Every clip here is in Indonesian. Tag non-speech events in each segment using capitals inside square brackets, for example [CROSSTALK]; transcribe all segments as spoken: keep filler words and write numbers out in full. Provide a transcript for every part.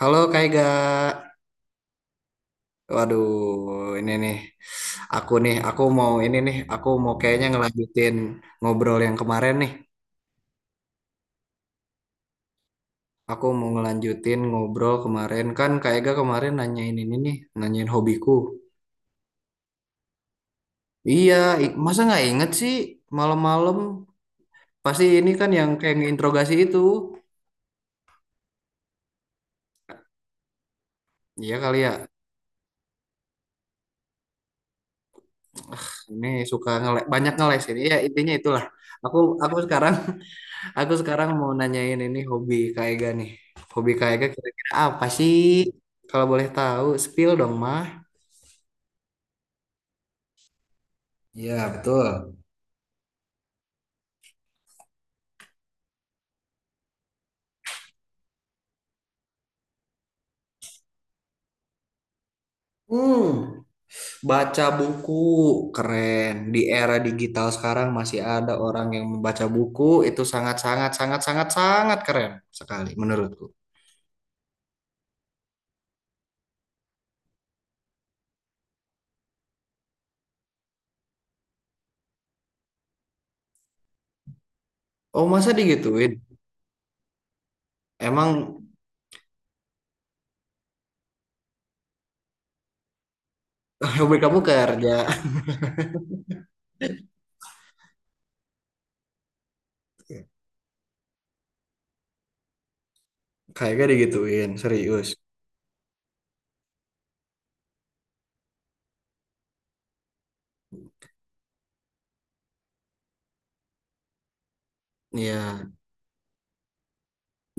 Halo Kaiga. Waduh, ini nih. Aku nih, aku mau ini nih, aku mau kayaknya ngelanjutin ngobrol yang kemarin nih. Aku mau ngelanjutin ngobrol kemarin kan Kaiga kemarin nanyain ini nih, nanyain hobiku. Iya, i- masa nggak inget sih malam-malam? Pasti ini kan yang kayak nginterogasi itu. Iya kali ya. Ini suka ngele banyak ngelesin. Iya, intinya itulah. Aku aku sekarang Aku sekarang mau nanyain ini hobi Kak Ega nih. Hobi Kak Ega kira-kira apa sih? Kalau boleh tahu, spill dong, mah. Iya, betul. Hmm, baca buku keren. Di era digital sekarang masih ada orang yang membaca buku itu sangat sangat sangat sangat sangat keren sekali menurutku. Oh, masa digituin? Emang [LAUGHS] hobi kamu kerja? Kayaknya digituin, serius. Iya.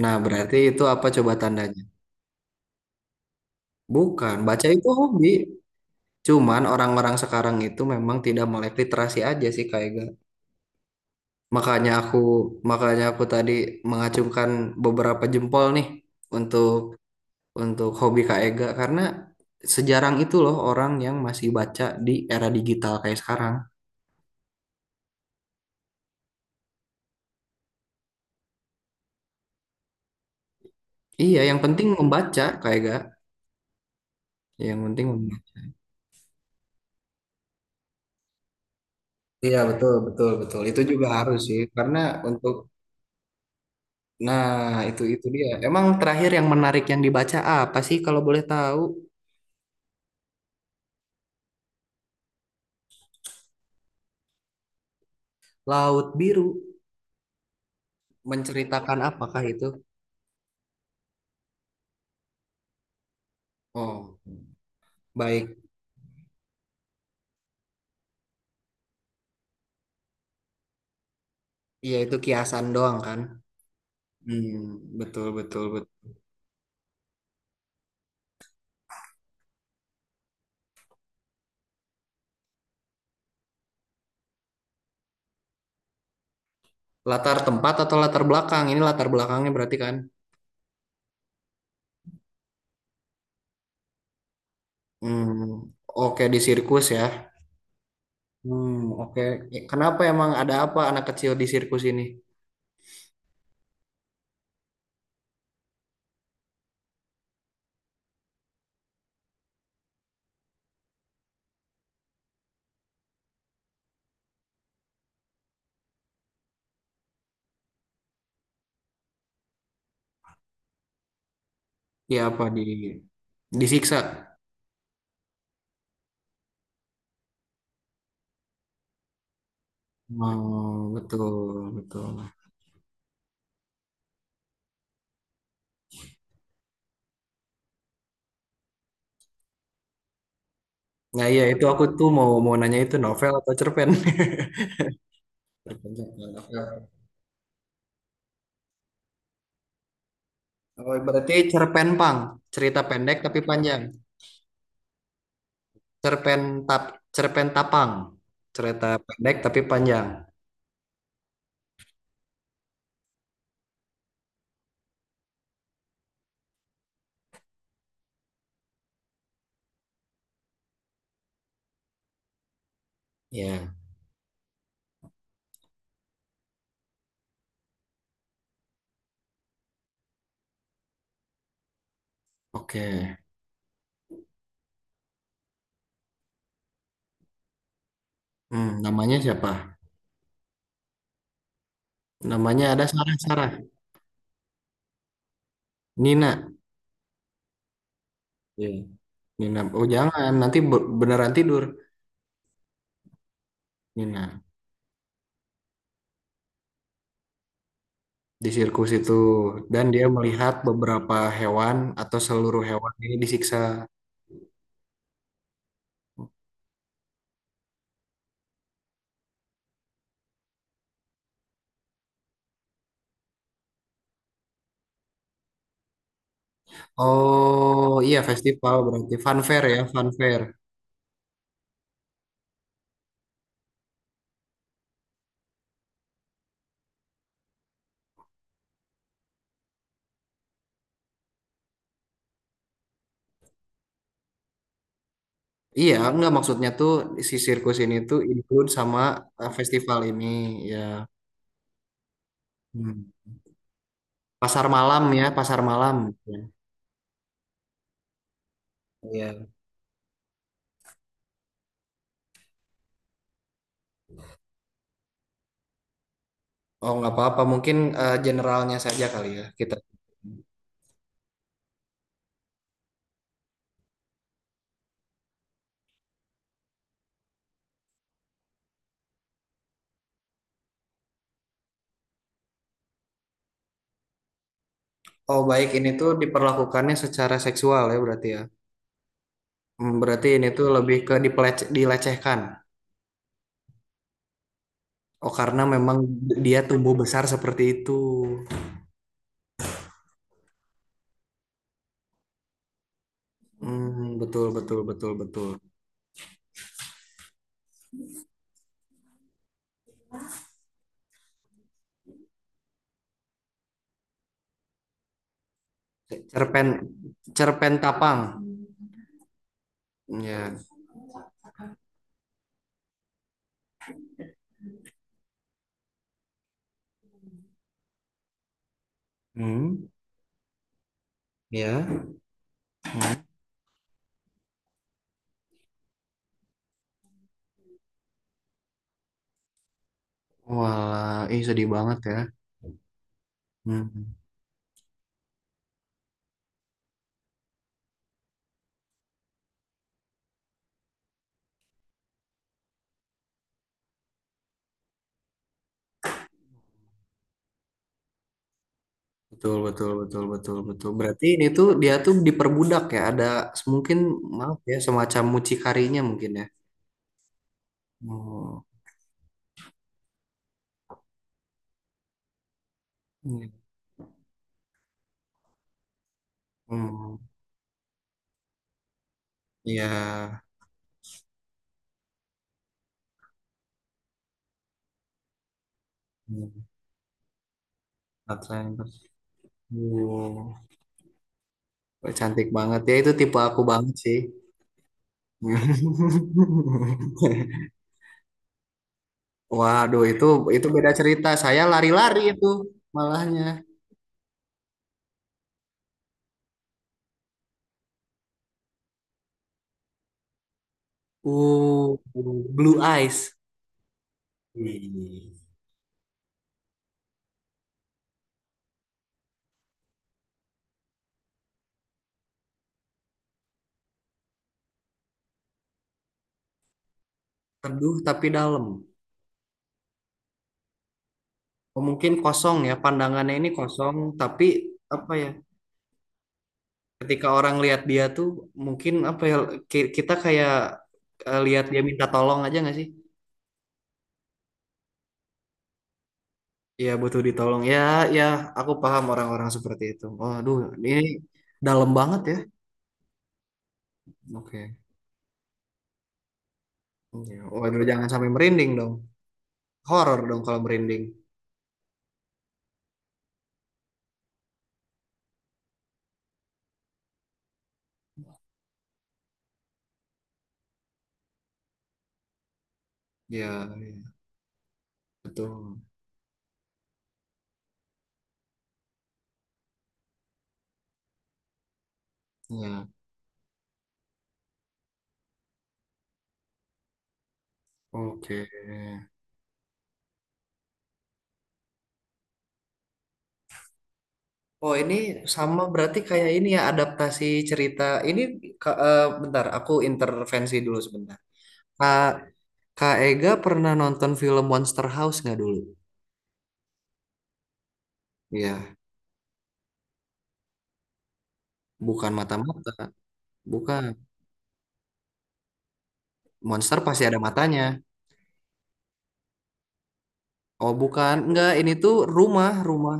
Nah, berarti itu apa coba tandanya? Bukan, baca itu hobi. Cuman orang-orang sekarang itu memang tidak melek literasi aja sih kayak gak. Makanya aku makanya aku tadi mengacungkan beberapa jempol nih untuk untuk hobi Kak Ega karena sejarang itu loh orang yang masih baca di era digital kayak sekarang. Iya, yang penting membaca Kak Ega, yang penting membaca. Iya betul betul betul itu juga harus sih karena untuk nah itu itu dia emang terakhir yang menarik yang dibaca apa sih kalau boleh tahu. Laut Biru. Menceritakan apakah itu? Oh, baik. Iya, itu kiasan doang kan? Hmm, betul, betul, betul. Latar tempat atau latar belakang? Ini latar belakangnya berarti kan? Hmm, oke di sirkus ya. Hmm, oke. Ya, kenapa emang ada apa anak kecil di sirkus ini? Ya apa di disiksa? Oh, betul, betul. Nah, iya itu aku tuh mau mau nanya itu novel atau cerpen? [LAUGHS] novel. Oh, berarti cerpen pang, cerita pendek tapi panjang. Cerpen tap cerpen Tapang. Cerita pendek tapi panjang. Ya, oke. Hmm, namanya siapa? Namanya ada Sarah Sarah. Nina. Iya, Nina. Oh, jangan, nanti be- beneran tidur. Nina di sirkus itu dan dia melihat beberapa hewan atau seluruh hewan ini disiksa. Oh, iya festival berarti fun fair ya, fun fair. Iya, nggak maksudnya tuh si sirkus ini tuh include sama eh, festival ini ya. Hmm. Pasar malam ya, pasar malam. Iya. Oh, nggak apa-apa. Mungkin eh, generalnya saja kali ya kita. Oh, baik. Ini tuh diperlakukannya secara seksual ya berarti ya. Hmm, berarti ini tuh lebih ke dipelece- dilecehkan. Oh, karena memang dia tumbuh besar seperti itu. Hmm, betul, betul, betul, betul. Cerpen, cerpen tapang. Ya. Hmm, ya. Hmm. Wah, ih sedih banget ya. Hmm. Betul, betul, betul, betul, betul. Berarti ini tuh dia tuh diperbudak ya, ada mungkin maaf ya semacam mucikarinya mungkin ya. Oh, iya. Hmm, iya. Hmm. Outlander. Oh, cantik banget ya itu tipe aku banget sih. [LAUGHS] Waduh, itu itu beda cerita. Saya lari-lari itu malahnya. Uh, Blue Eyes. Ih, teduh tapi dalam. Oh, mungkin kosong ya pandangannya ini kosong tapi apa ya ketika orang lihat dia tuh mungkin apa ya ki- kita kayak eh, lihat dia minta tolong aja nggak sih, ya butuh ditolong ya, ya aku paham orang-orang seperti itu. Waduh, ini dalam banget ya. Oke. Iya. Waduh jangan sampai merinding dong. Horor dong kalau merinding. Ya, ya, betul ya. Oke. Oh ini sama berarti kayak ini ya adaptasi cerita ini. Ka- eh, bentar aku intervensi dulu sebentar. Kak Kak Ega pernah nonton film Monster House nggak dulu? Iya, bukan mata-mata, bukan. Monster pasti ada matanya. Oh bukan, enggak ini tuh rumah rumah.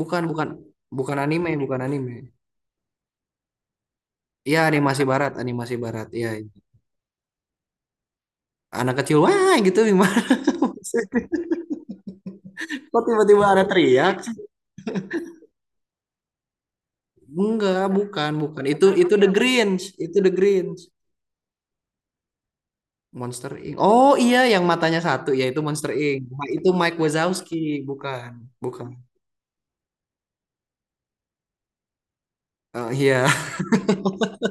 Bukan bukan bukan anime bukan anime. Iya animasi barat animasi barat. Iya iya. Anak kecil wah gitu gimana? [LAUGHS] maksudnya? Kok tiba-tiba ada teriak? Enggak, bukan, bukan. Itu itu The Grinch, itu The Grinch. Monster ink. Oh iya, yang matanya satu yaitu Monster ink. Ma- Itu Mike Wazowski, bukan, bukan. Eh, iya, [LAUGHS]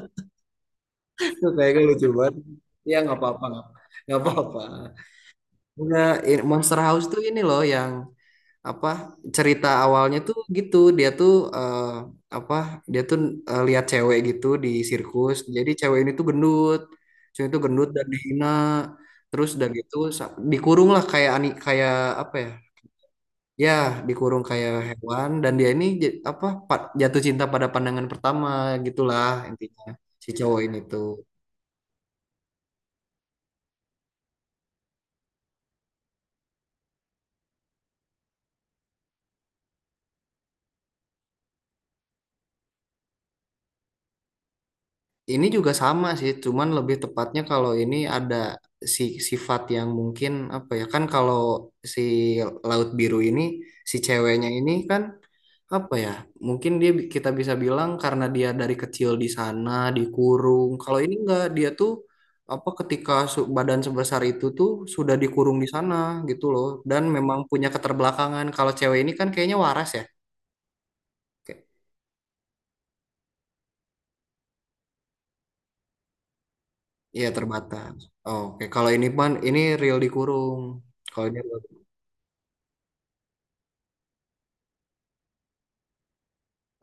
itu kayaknya lucu banget. Ya nggak apa-apa, nggak nggak apa-apa. Enggak, i- Monster House tuh ini loh yang apa cerita awalnya tuh gitu dia tuh eh, apa dia tuh eh, lihat cewek gitu di sirkus, jadi cewek ini tuh gendut, cewek itu gendut dan dihina, terus udah gitu sa- dikurung lah kayak ani kayak apa ya, ya dikurung kayak hewan dan dia ini j- apa pa- jatuh cinta pada pandangan pertama gitulah intinya si cowok ini tuh. Ini juga sama sih, cuman lebih tepatnya kalau ini ada si sifat yang mungkin apa ya, kan kalau si laut biru ini si ceweknya ini kan apa ya mungkin dia bi- kita bisa bilang karena dia dari kecil di sana dikurung. Kalau ini enggak dia tuh apa ketika su- badan sebesar itu tuh sudah dikurung di sana gitu loh dan memang punya keterbelakangan. Kalau cewek ini kan kayaknya waras ya. Kayak- Iya terbatas. Oke, kalau ini pan ini real dikurung. Kalau dia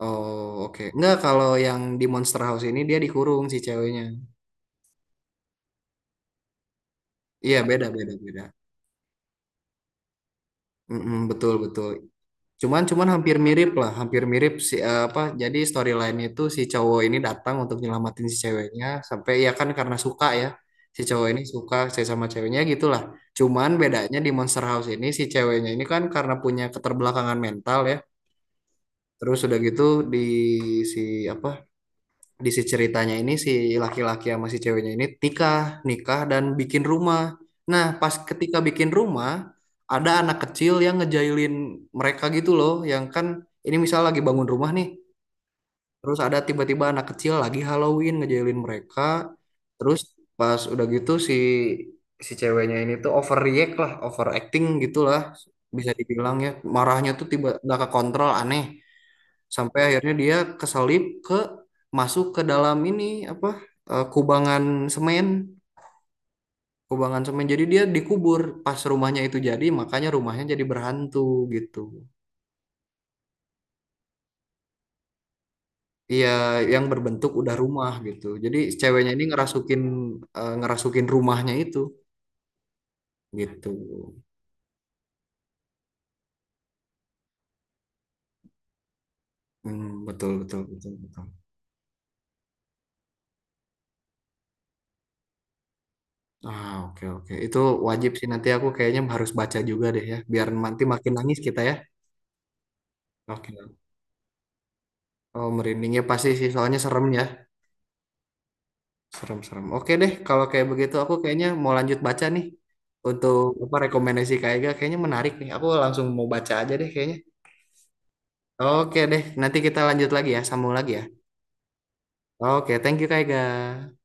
Oh, oke. Enggak, kalau yang di Monster House ini dia dikurung si ceweknya. Iya, beda, beda, beda. Mm-mm, betul, betul. Cuman, cuman hampir mirip lah, hampir mirip si eh, apa? Jadi storyline itu si cowok ini datang untuk nyelamatin si ceweknya sampai ya kan karena suka ya. Si cowok ini suka saya sama ceweknya gitulah. Cuman bedanya di Monster House ini si ceweknya ini kan karena punya keterbelakangan mental ya. Terus udah gitu di si apa di si ceritanya ini si laki-laki sama si ceweknya ini nikah, nikah dan bikin rumah. Nah, pas ketika bikin rumah, ada anak kecil yang ngejailin mereka gitu loh, yang kan ini misal lagi bangun rumah nih, terus ada tiba-tiba anak kecil lagi Halloween ngejailin mereka, terus pas udah gitu si si ceweknya ini tuh overreact lah, overacting gitulah, bisa dibilang ya, marahnya tuh tiba nggak kekontrol aneh sampai akhirnya dia keselip ke masuk ke dalam ini apa eh, kubangan semen, kubangan semen jadi dia dikubur pas rumahnya itu jadi makanya rumahnya jadi berhantu gitu, iya yang berbentuk udah rumah gitu jadi ceweknya ini ngerasukin, eh, ngerasukin rumahnya itu gitu. Hmm, betul betul betul betul. Ah oke, oke itu wajib sih nanti aku kayaknya harus baca juga deh ya biar nanti makin nangis kita ya. Oke. Oh, merindingnya pasti sih, soalnya serem ya. Serem-serem. Oke deh, kalau kayak begitu aku kayaknya mau lanjut baca nih. Untuk apa rekomendasi Kak Ega kayaknya menarik nih. Aku langsung mau baca aja deh kayaknya. Oke deh, nanti kita lanjut lagi ya, sambung lagi ya. Oke, thank you Kak Ega.